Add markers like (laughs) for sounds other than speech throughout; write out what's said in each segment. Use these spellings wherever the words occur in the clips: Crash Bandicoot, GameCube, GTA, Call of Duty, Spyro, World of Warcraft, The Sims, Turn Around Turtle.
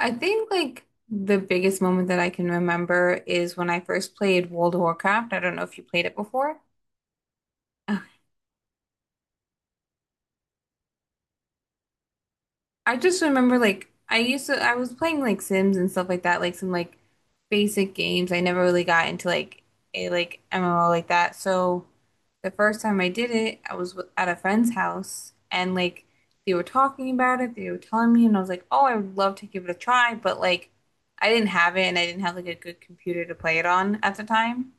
I think like the biggest moment that I can remember is when I first played World of Warcraft. I don't know if you played it before. Ugh. I just remember like I used to I was playing like Sims and stuff like that, like some like basic games. I never really got into like a like MMO like that. So the first time I did it, I was at a friend's house and like they were talking about it, they were telling me and I was like, "Oh, I would love to give it a try," but like I didn't have it and I didn't have like a good computer to play it on at the time.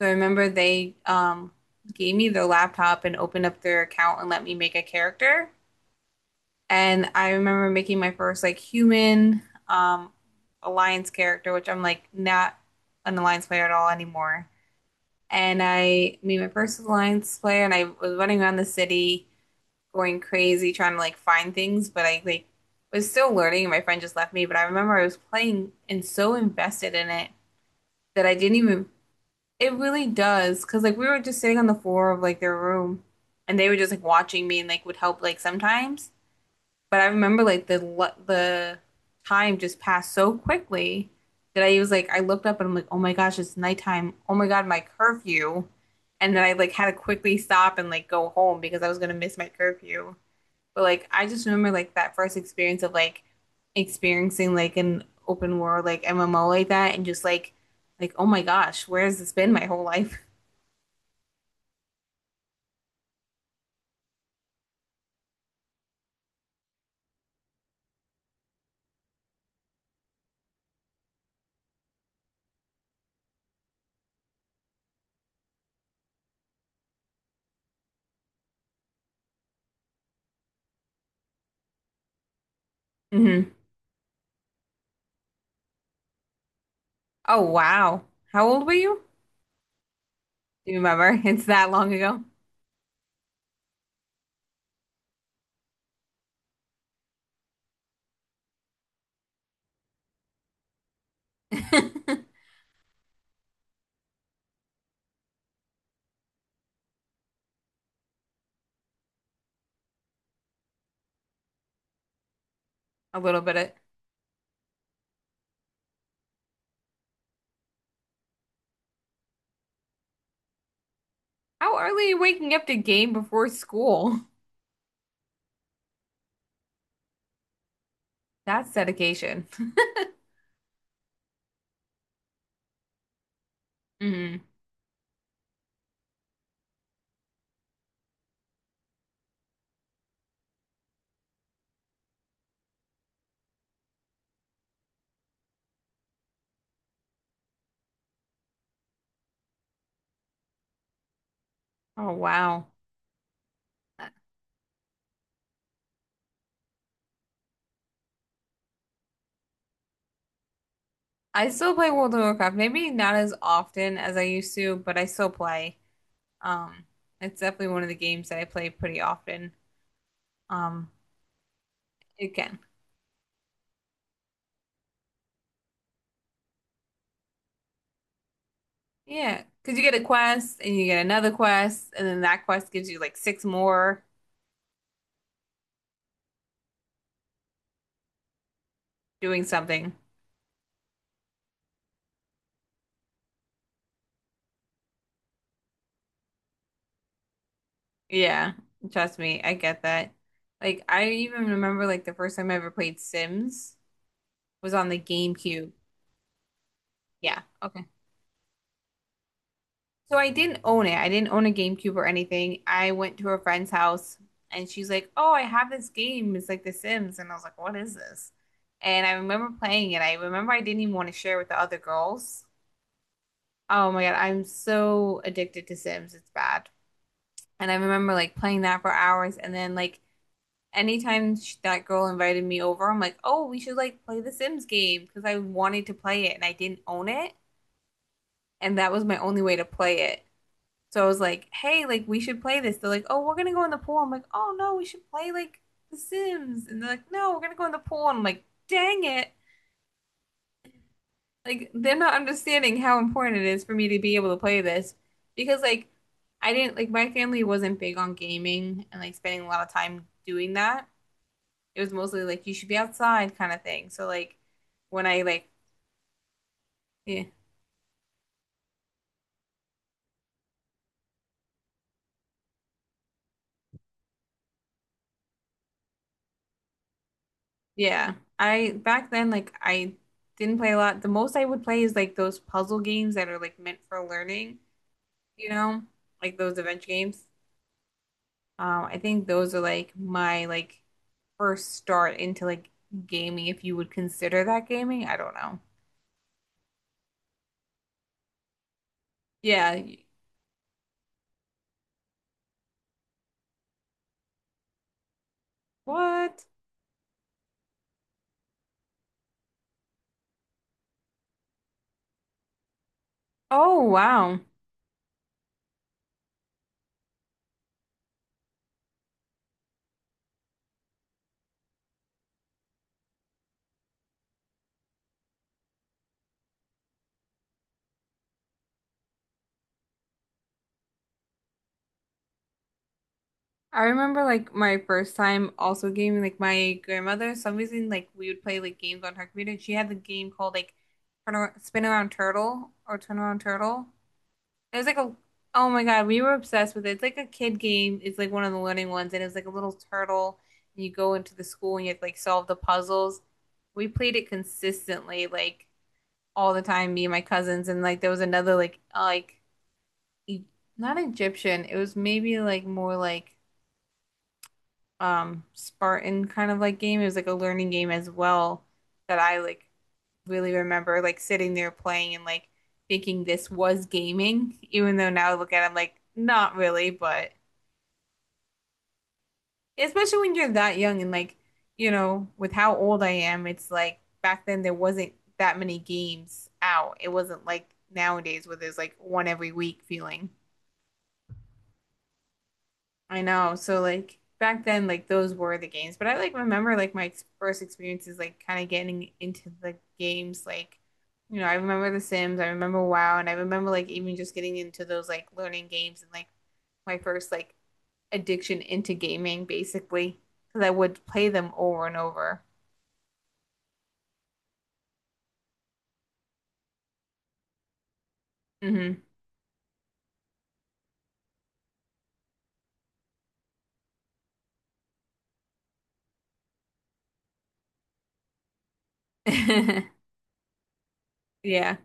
So I remember they gave me their laptop and opened up their account and let me make a character. And I remember making my first like human um, alliance character, which I'm like not an alliance player at all anymore. And I made my first alliance player, and I was running around the city going crazy trying to like find things, but I like was still learning. And my friend just left me, but I remember I was playing and so invested in it that I didn't even. It really does, because like we were just sitting on the floor of like their room, and they were just like watching me and like would help like sometimes. But I remember like the time just passed so quickly that I was like I looked up and I'm like, oh my gosh, it's nighttime. Oh my God, my curfew. And then I like had to quickly stop and like go home because I was gonna miss my curfew. But like I just remember like that first experience of like experiencing like an open world like MMO like that and just like oh my gosh, where has this been my whole life? Hmm. Oh, wow. How old were you? Do you remember? (laughs) It's that long ago. (laughs) A little bit of how early are you waking up to game before school? That's dedication. (laughs) hmm. Oh, wow. I still play World of Warcraft, maybe not as often as I used to, but I still play. Um, it's definitely one of the games that I play pretty often. Um, it can. Yeah, because you get a quest and you get another quest, and then that quest gives you like six more doing something. Yeah, trust me, I get that. Like I even remember like the first time I ever played Sims was on the GameCube. Yeah, okay. So I didn't own it. I didn't own a GameCube or anything. I went to a friend's house and she's like, "Oh, I have this game. It's like The Sims." And I was like, "What is this?" And I remember playing it. I remember I didn't even want to share with the other girls. Oh my God, I'm so addicted to Sims. It's bad. And I remember like playing that for hours and then like anytime sh that girl invited me over, I'm like, oh, we should like play the Sims game because I wanted to play it and I didn't own it. And that was my only way to play it. So I was like, hey, like we should play this. They're like, oh, we're gonna go in the pool. I'm like, oh no, we should play like the Sims. And they're like, no, we're gonna go in the pool. And I'm like, dang it. Like they're not understanding how important it is for me to be able to play this because like I didn't like my family wasn't big on gaming and like spending a lot of time doing that. It was mostly like you should be outside kind of thing. So like when I like yeah, yeah, I back then like I didn't play a lot. The most I would play is like those puzzle games that are like meant for learning, you know, like those adventure games. I think those are like my like first start into like gaming, if you would consider that gaming. I don't know. Yeah. What? Oh, wow. I remember like my first time also gaming, like my grandmother, some reason like we would play like games on her computer. And she had the game called like Spin Around Turtle or Turn Around Turtle. It was like a oh my God, we were obsessed with it. It's like a kid game. It's like one of the learning ones, and it was like a little turtle, and you go into the school and you have to like solve the puzzles. We played it consistently, like all the time, me and my cousins, and like there was another like e- not Egyptian. It was maybe like more like Spartan kind of like game. It was like a learning game as well that I like really remember like sitting there playing and like thinking this was gaming, even though now I look at it, I'm like, not really, but especially when you're that young and like, you know, with how old I am, it's like back then there wasn't that many games out. It wasn't like nowadays where there's like one every week feeling. I know. So like back then, like those were the games. But I like remember like first experiences, like kind of getting into the games. Like, you know, I remember The Sims, I remember WoW, and I remember like even just getting into those like learning games and like my first like addiction into gaming, basically, because I would play them over and over. Hmm. (laughs) Yeah,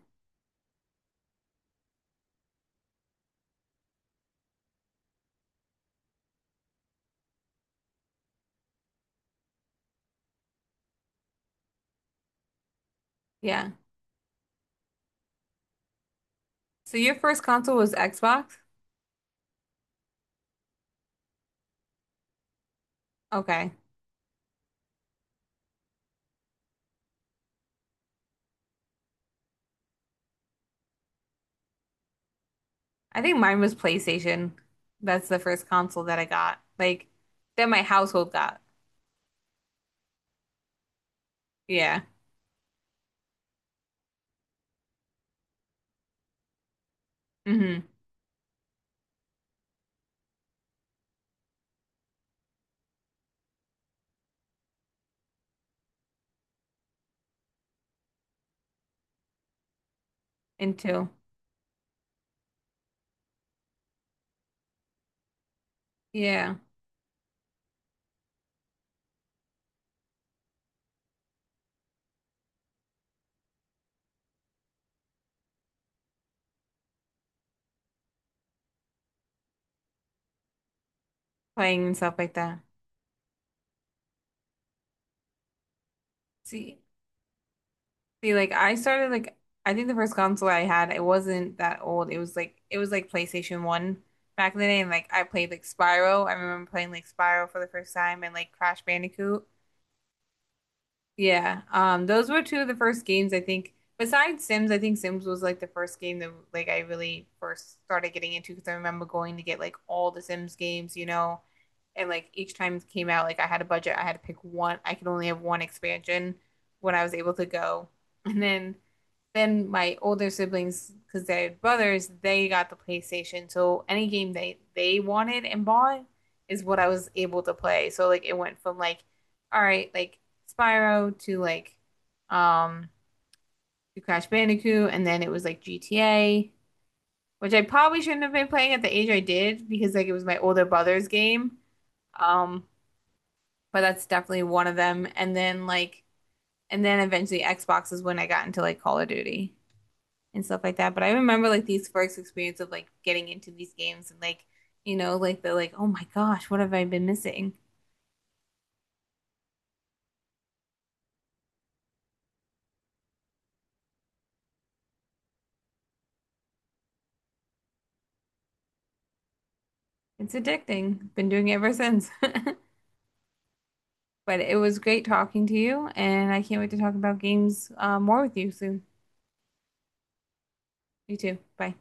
yeah. So your first console was Xbox? Okay. I think mine was PlayStation. That's the first console that I got. Like that my household got. Yeah. Hmm. Into. Yeah. Playing and stuff like that. See, see, like I started like I think the first console I had, it wasn't that old. It was like PlayStation 1 back in the day and like I played like Spyro. I remember playing like Spyro for the first time and like Crash Bandicoot. Yeah, those were two of the first games I think. Besides Sims, I think Sims was like the first game that like I really first started getting into because I remember going to get like all the Sims games, you know, and like each time it came out, like I had a budget, I had to pick one. I could only have one expansion when I was able to go, and then my older siblings, because they had brothers, they got the PlayStation. So any game they wanted and bought is what I was able to play. So like it went from like, all right, like Spyro to like, um, to Crash Bandicoot, and then it was like GTA, which I probably shouldn't have been playing at the age I did because like it was my older brother's game. Um, but that's definitely one of them. And then like, and then eventually Xbox is when I got into like Call of Duty and stuff like that. But I remember like these first experience of like getting into these games and like, you know, like the like, oh my gosh, what have I been missing? It's addicting. Been doing it ever since. (laughs) But it was great talking to you, and I can't wait to talk about games more with you soon. You too. Bye.